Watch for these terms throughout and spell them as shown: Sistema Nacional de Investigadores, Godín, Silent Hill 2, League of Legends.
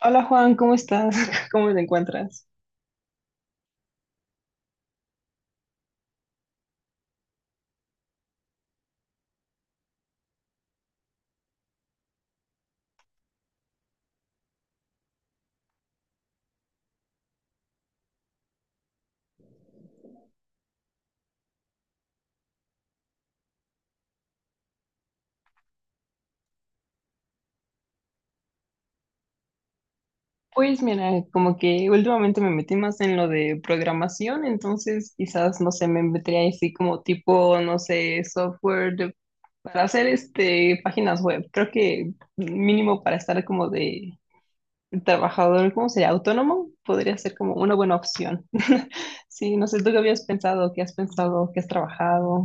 Hola Juan, ¿cómo estás? ¿Cómo te encuentras? Pues mira, como que últimamente me metí más en lo de programación, entonces quizás, no sé, me metería así como tipo, no sé, para hacer este páginas web. Creo que mínimo para estar como de trabajador, ¿cómo sería? Autónomo, podría ser como una buena opción. Sí, no sé, ¿tú qué habías pensado? ¿Qué has pensado? ¿Qué has trabajado?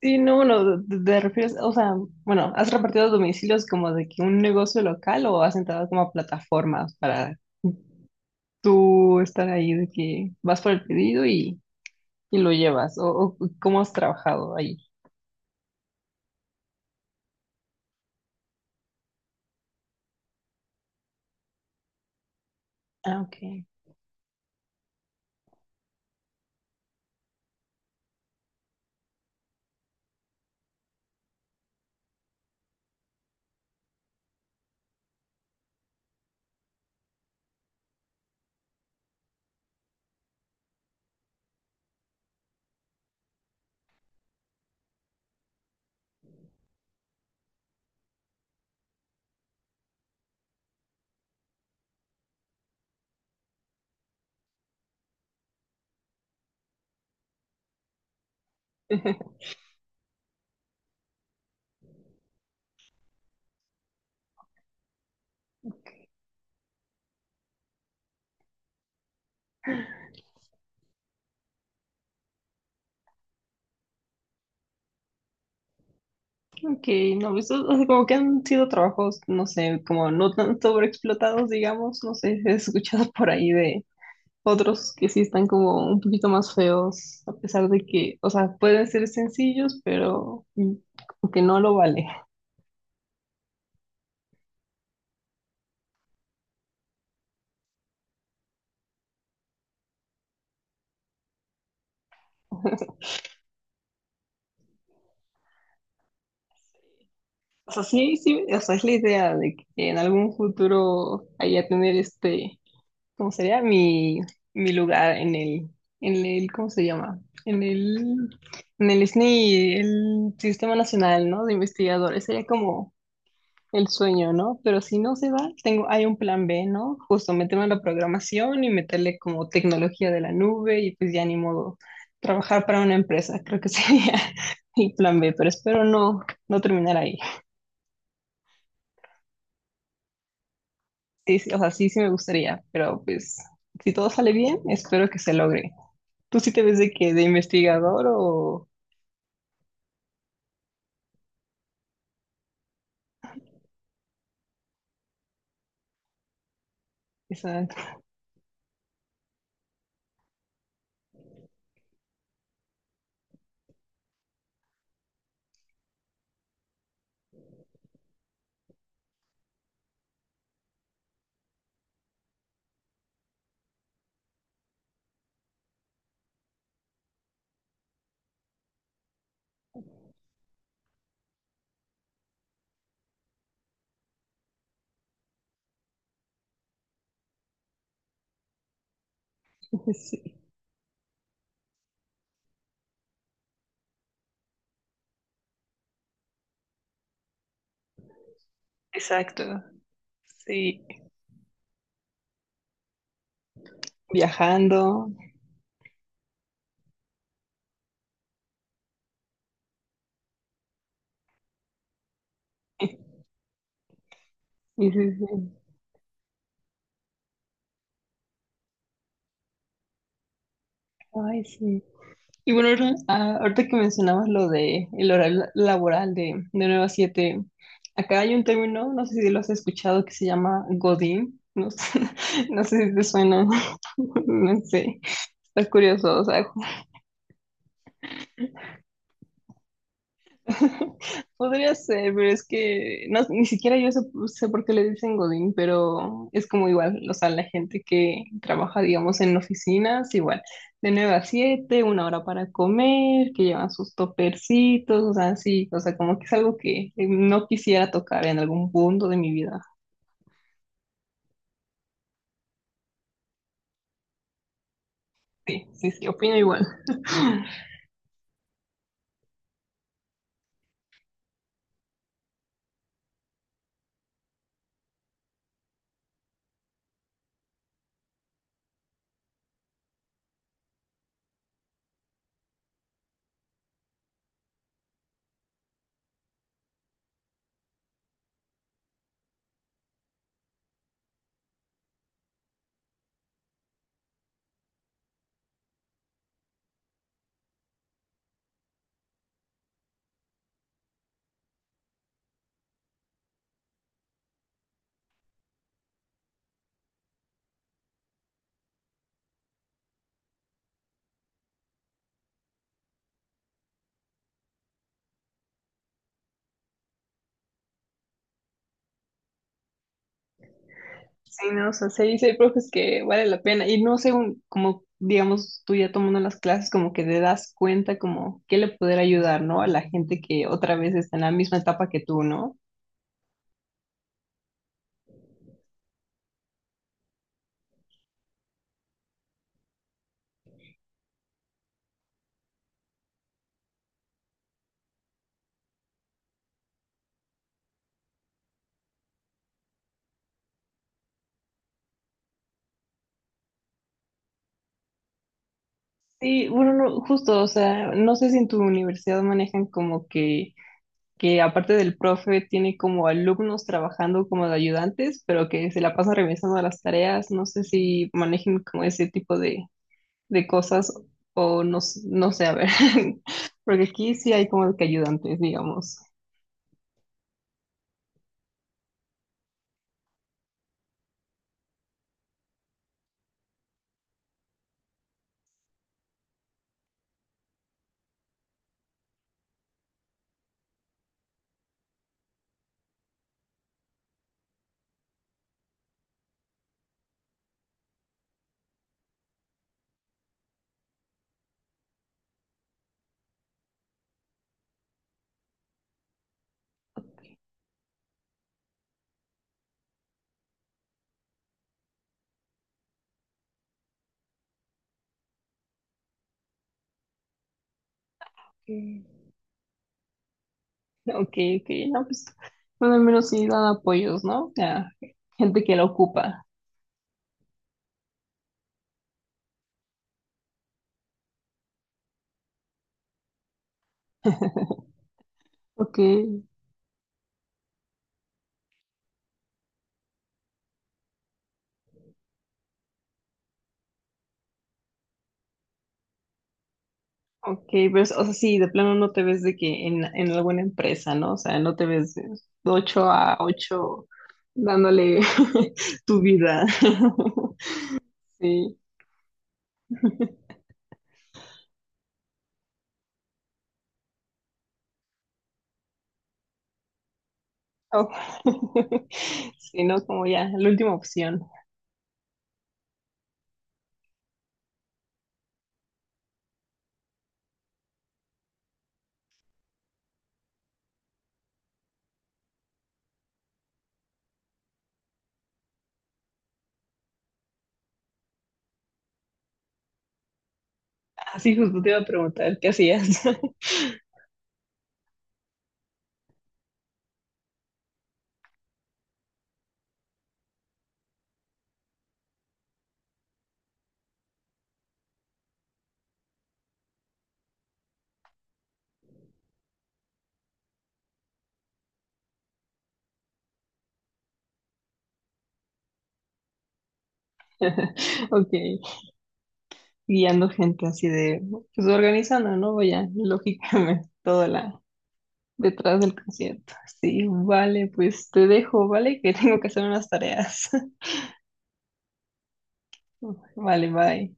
Sí, no, bueno, te refieres, o sea, bueno, ¿has repartido domicilios como de que un negocio local o has entrado como a plataformas para tú estar ahí de que vas por el pedido y lo llevas? O cómo has trabajado ahí? Ah, ok. Ok, no, pues, o sea, como que han sido trabajos, no sé, como no tan sobreexplotados, digamos, no sé, he escuchado por ahí de otros que sí están como un poquito más feos, a pesar de que, o sea, pueden ser sencillos, pero mm, como que no lo vale. O sea, sí, sí, o sea, es la idea de que en algún futuro haya tener este, ¿cómo sería? Mi lugar en el, ¿cómo se llama? En el SNI, el Sistema Nacional, ¿no? De Investigadores. Sería como el sueño, ¿no? Pero si no se va, tengo, hay un plan B, ¿no? Justo meterme en la programación y meterle como tecnología de la nube y pues ya ni modo trabajar para una empresa, creo que sería mi plan B, pero espero no terminar ahí. Sí, sí, o sea, sí, sí me gustaría, pero pues si todo sale bien, espero que se logre. ¿Tú sí te ves de qué? ¿De investigador o...? Exacto, sí, exacto, sí, viajando. Sí, sí, sí. Ay, sí. Y bueno, ahorita que mencionabas lo de el horario laboral de 9 a 7, acá hay un término, no sé si lo has escuchado, que se llama Godín. No sé, no sé si te suena, no sé. Está curioso, o sea, podría ser, pero es que no, ni siquiera yo sé, sé por qué le dicen Godín, pero es como igual, o sea, la gente que trabaja, digamos, en oficinas, igual, de 9 a 7, una hora para comer, que llevan sus topercitos, o sea, sí, o sea, como que es algo que no quisiera tocar en algún punto de mi vida. Sí, sí, sí, opino igual. Sí, no, o sea, sí, sí hay profes que vale la pena. Y no sé, como digamos, tú ya tomando las clases, como que te das cuenta como que le poder ayudar, ¿no? A la gente que otra vez está en la misma etapa que tú, ¿no? Sí, bueno, no, justo, o sea, no sé si en tu universidad manejan como que aparte del profe tiene como alumnos trabajando como de ayudantes, pero que se la pasan revisando las tareas, no sé si manejen como ese tipo de cosas o no, no sé, a ver, porque aquí sí hay como que ayudantes, digamos. Mm. Ok, ok, no, pues, bueno, al menos sí dan apoyos, ¿no? Ya, gente que la ocupa. Ok, ok, pero, o sea, sí, de plano no te ves de que en alguna empresa, ¿no? O sea, no te ves de 8 a 8 dándole tu vida. Sí. Oh. Sí, ¿no? Como ya, la última opción. Así justo te iba a preguntar, ¿qué hacías? Ok, guiando gente así de, pues organizando, ¿no? Vaya, lógicamente, toda la detrás del concierto. Sí, vale, pues te dejo, ¿vale? Que tengo que hacer unas tareas. Vale, bye.